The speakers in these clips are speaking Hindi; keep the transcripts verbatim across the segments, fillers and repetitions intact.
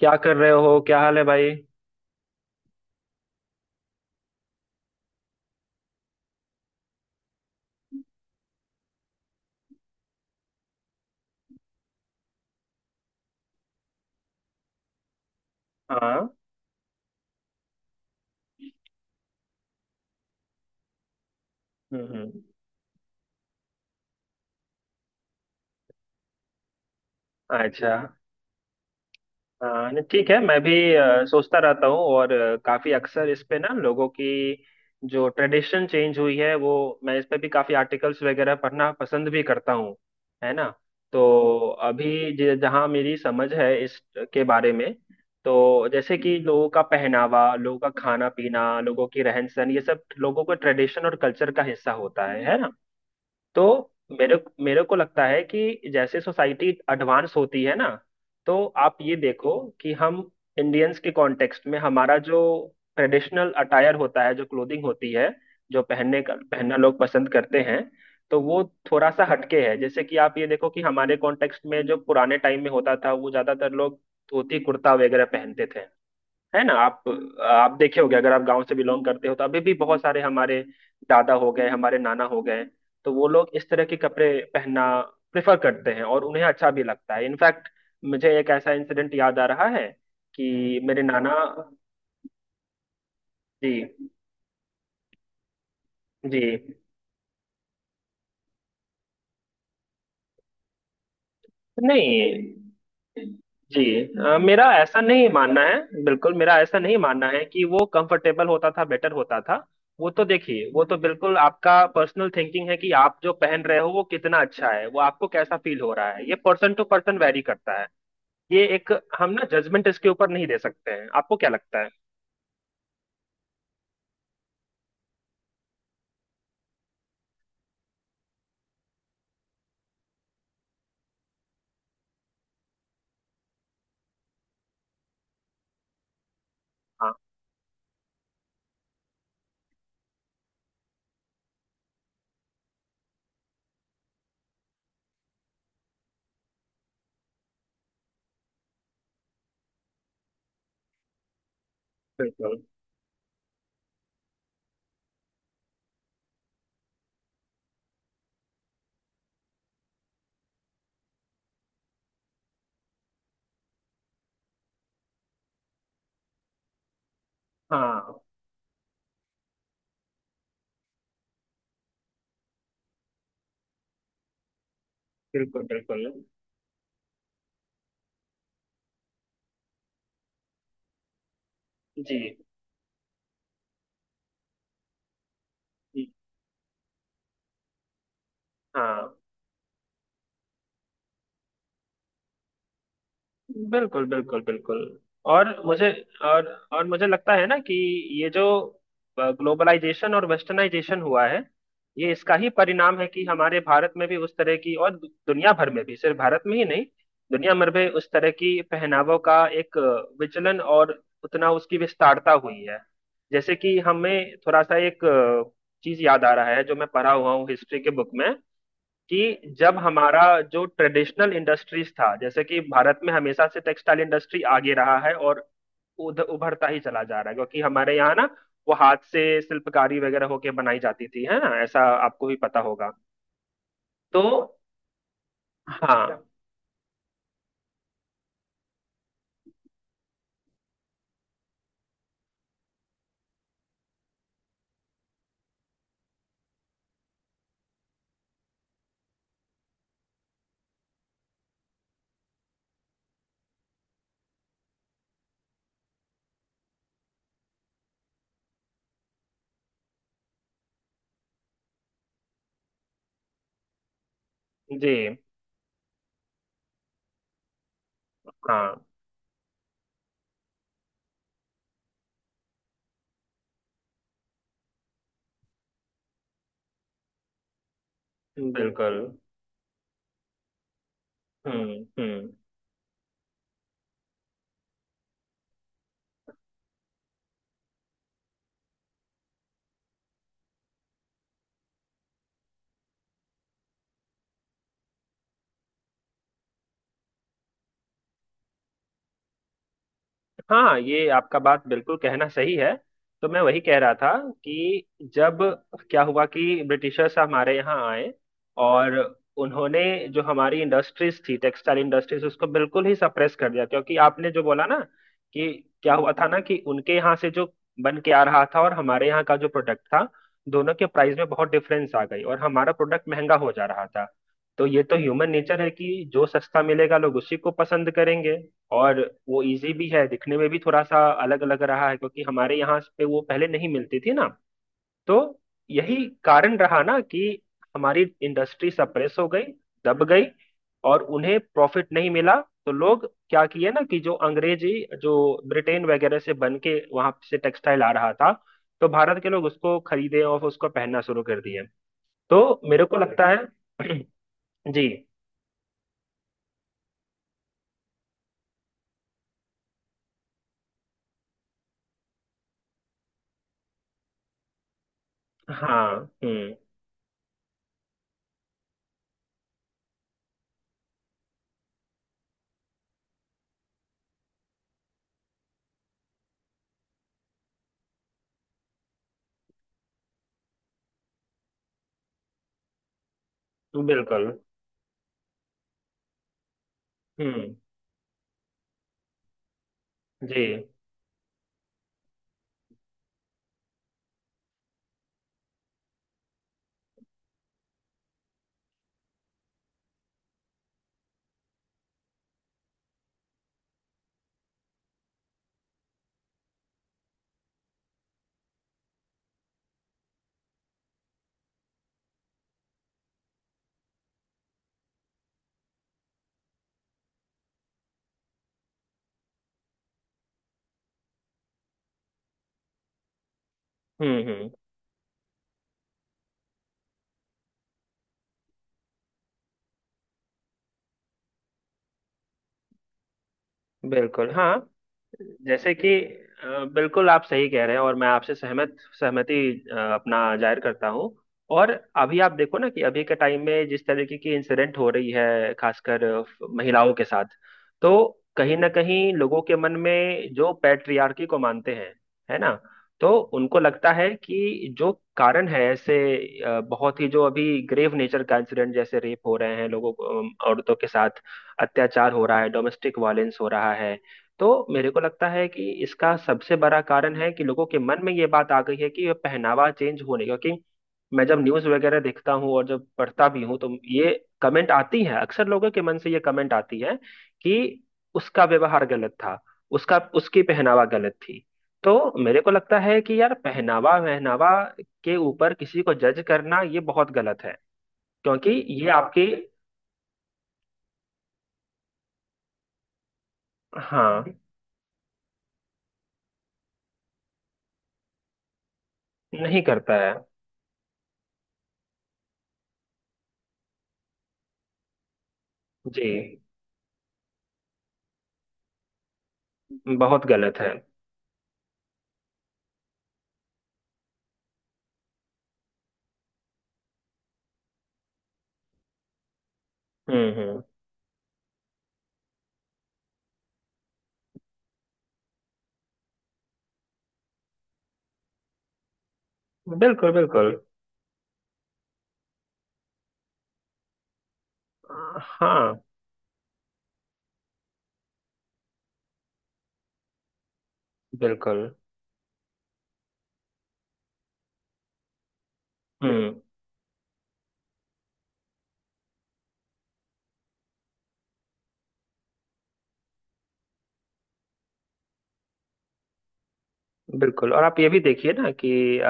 क्या कर रहे हो? क्या हाल है भाई? हाँ। हम्म, हम्म। अच्छा। हाँ, नहीं, ठीक है। मैं भी अ, सोचता रहता हूँ और अ, काफी अक्सर इस पे ना लोगों की जो ट्रेडिशन चेंज हुई है वो मैं इस पे भी काफी आर्टिकल्स वगैरह पढ़ना पसंद भी करता हूँ, है ना। तो अभी ज- जहाँ मेरी समझ है इस के बारे में। तो जैसे कि लोगों का पहनावा, लोगों का खाना पीना, लोगों की रहन सहन, ये सब लोगों के ट्रेडिशन और कल्चर का हिस्सा होता है है ना। तो मेरे मेरे को लगता है कि जैसे सोसाइटी एडवांस होती है ना, तो आप ये देखो कि हम इंडियंस के कॉन्टेक्स्ट में हमारा जो ट्रेडिशनल अटायर होता है, जो क्लोथिंग होती है, जो पहनने का पहनना लोग पसंद करते हैं, तो वो थोड़ा सा हटके है। जैसे कि आप ये देखो कि हमारे कॉन्टेक्स्ट में जो पुराने टाइम में होता था, वो ज्यादातर लोग धोती कुर्ता वगैरह पहनते थे, है ना। आप आप देखे होंगे, अगर आप गांव से बिलोंग करते हो तो अभी भी बहुत सारे हमारे दादा हो गए, हमारे नाना हो गए, तो वो लोग इस तरह के कपड़े पहनना प्रेफर करते हैं और उन्हें अच्छा भी लगता है। इनफैक्ट मुझे एक ऐसा इंसिडेंट याद आ रहा है कि मेरे नाना। जी। जी। नहीं। जी। अ, मेरा ऐसा नहीं मानना है, बिल्कुल मेरा ऐसा नहीं मानना है कि वो कंफर्टेबल होता था, बेटर होता था। वो तो देखिए, वो तो बिल्कुल आपका पर्सनल थिंकिंग है कि आप जो पहन रहे हो वो कितना अच्छा है, वो आपको कैसा फील हो रहा है, ये पर्सन टू पर्सन वेरी करता है। ये एक। हम ना जजमेंट इसके ऊपर नहीं दे सकते हैं। आपको क्या लगता है? हाँ। बिल्कुल। हाँ। बिल्कुल बिल्कुल। जी। जी, हाँ। बिल्कुल बिल्कुल बिल्कुल। और मुझे। और और मुझे लगता है ना कि ये जो ग्लोबलाइजेशन और वेस्टर्नाइजेशन हुआ है, ये इसका ही परिणाम है कि हमारे भारत में भी उस तरह की और दु- दुनिया भर में भी, सिर्फ भारत में ही नहीं, दुनिया भर में उस तरह की पहनावों का एक अ, विचलन और उतना उसकी विस्तारता हुई है। जैसे कि हमें थोड़ा सा एक अ, चीज याद आ रहा है जो मैं पढ़ा हुआ हूँ हिस्ट्री के बुक में, कि जब हमारा जो ट्रेडिशनल इंडस्ट्रीज था, जैसे कि भारत में हमेशा से टेक्सटाइल इंडस्ट्री आगे रहा है और उध- उभरता ही चला जा रहा है, क्योंकि हमारे यहाँ ना वो हाथ से शिल्पकारी वगैरह होके बनाई जाती थी, है ना, ऐसा आपको भी पता होगा। तो हाँ। जी। हाँ। बिल्कुल। हम्म, हम्म। हाँ, ये आपका बात बिल्कुल कहना सही है। तो मैं वही कह रहा था कि जब, क्या हुआ कि ब्रिटिशर्स हमारे यहाँ आए, और उन्होंने जो हमारी इंडस्ट्रीज थी, टेक्सटाइल इंडस्ट्रीज, उसको बिल्कुल ही सप्रेस कर दिया। क्योंकि आपने जो बोला ना कि क्या हुआ था ना कि उनके यहाँ से जो बन के आ रहा था और हमारे यहाँ का जो प्रोडक्ट था, दोनों के प्राइस में बहुत डिफरेंस आ गई और हमारा प्रोडक्ट महंगा हो जा रहा था। तो ये तो ह्यूमन नेचर है कि जो सस्ता मिलेगा लोग उसी को पसंद करेंगे, और वो इजी भी है, दिखने में भी थोड़ा सा अलग अलग रहा है क्योंकि हमारे यहाँ पे वो पहले नहीं मिलती थी ना। तो यही कारण रहा ना कि हमारी इंडस्ट्री सप्रेस हो गई, दब गई, और उन्हें प्रॉफिट नहीं मिला। तो लोग क्या किए ना कि जो अंग्रेजी, जो ब्रिटेन वगैरह से बन के वहां से टेक्सटाइल आ रहा था, तो भारत के लोग उसको खरीदे और उसको पहनना शुरू कर दिए। तो मेरे को लगता है। जी। हाँ। हम्म। बिल्कुल। हम्म। जी। हम्म, हम्म। बिल्कुल हाँ। जैसे कि अ, बिल्कुल आप सही कह रहे हैं और मैं आपसे सहमत, सहमति अ, अपना जाहिर करता हूँ। और अभी आप देखो ना कि अभी के टाइम में जिस तरीके की इंसिडेंट हो रही है, खासकर अ, महिलाओं के साथ, तो कहीं ना कहीं लोगों के मन में जो पैट्रियार्की को मानते हैं, है ना, तो उनको लगता है कि जो कारण है ऐसे, अ, बहुत ही जो अभी ग्रेव नेचर का इंसिडेंट जैसे रेप हो रहे हैं लोगों को, अम, औरतों के साथ अत्याचार हो रहा है, डोमेस्टिक वायलेंस हो रहा है। तो मेरे को लगता है कि इसका सबसे बड़ा कारण है कि लोगों के मन में ये बात आ गई है कि पहनावा चेंज होने का, क्योंकि मैं जब न्यूज वगैरह देखता हूँ और जब पढ़ता भी हूँ, तो ये कमेंट आती है, अक्सर लोगों के मन से ये कमेंट आती है कि उसका व्यवहार गलत था, उसका उसकी पहनावा गलत थी। तो मेरे को लगता है कि यार पहनावा वहनावा के ऊपर किसी को जज करना ये बहुत गलत है, क्योंकि ये आपकी। हाँ। नहीं करता है। जी। बहुत गलत है। हम्म, हम्म। बिल्कुल बिल्कुल। हाँ बिल्कुल। हम्म। बिल्कुल। और आप ये भी देखिए ना कि अ,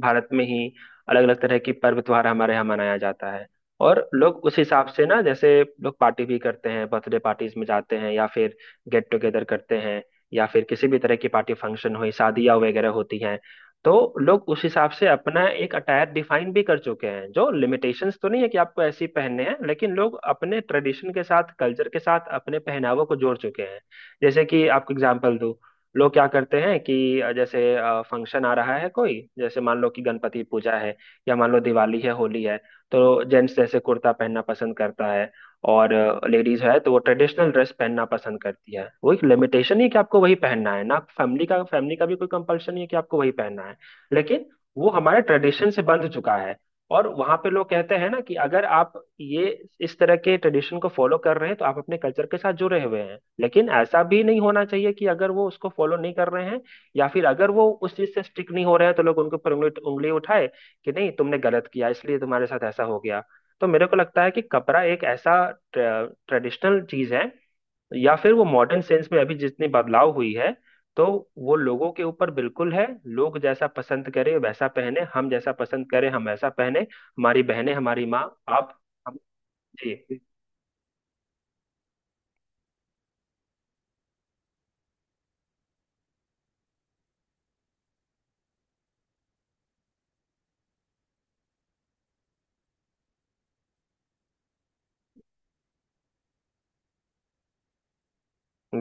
भारत में ही अलग अलग तरह की पर्व त्योहार हमारे यहाँ मनाया जाता है, और लोग उस हिसाब से ना जैसे लोग पार्टी भी करते हैं, बर्थडे पार्टीज में जाते हैं, या फिर गेट टुगेदर करते हैं, या फिर किसी भी तरह की पार्टी फंक्शन हुई, शादियाँ वगैरह होती हैं, तो लोग उस हिसाब से अपना एक अटायर डिफाइन भी कर चुके हैं। जो लिमिटेशंस तो नहीं है कि आपको ऐसे ही पहनने हैं, लेकिन लोग अपने ट्रेडिशन के साथ, कल्चर के साथ अपने पहनावों को जोड़ चुके हैं। जैसे कि आपको एग्जाम्पल दूं, लोग क्या करते हैं कि जैसे फंक्शन आ रहा है कोई, जैसे मान लो कि गणपति पूजा है, या मान लो दिवाली है, होली है, तो जेंट्स जैसे कुर्ता पहनना पसंद करता है, और लेडीज है तो वो ट्रेडिशनल ड्रेस पहनना पसंद करती है। वो एक लिमिटेशन नहीं है कि आपको वही पहनना है, ना फैमिली का फैमिली का भी कोई कंपल्शन नहीं है कि आपको वही पहनना है, लेकिन वो हमारे ट्रेडिशन से बंध चुका है। और वहां पे लोग कहते हैं ना कि अगर आप ये इस तरह के ट्रेडिशन को फॉलो कर रहे हैं तो आप अपने कल्चर के साथ जुड़े हुए हैं, लेकिन ऐसा भी नहीं होना चाहिए कि अगर वो उसको फॉलो नहीं कर रहे हैं या फिर अगर वो उस चीज से स्टिक नहीं हो रहे हैं तो लोग उनके ऊपर उंगली उंगली उठाए कि नहीं, तुमने गलत किया इसलिए तुम्हारे साथ ऐसा हो गया। तो मेरे को लगता है कि कपड़ा एक ऐसा ट्रेडिशनल चीज है, या फिर वो मॉडर्न सेंस में अभी जितनी बदलाव हुई है, तो वो लोगों के ऊपर बिल्कुल है। लोग जैसा पसंद करें वैसा पहने, हम जैसा पसंद करें हम वैसा पहने, हमारी बहनें, हमारी माँ, आप, हम। जी।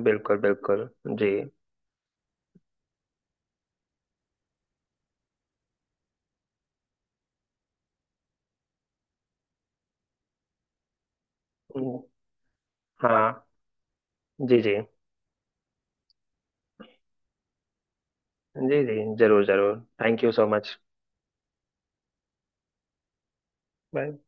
बिल्कुल बिल्कुल। जी। हाँ। जी जी। जी जी जरूर जरूर thank you so much. Bye.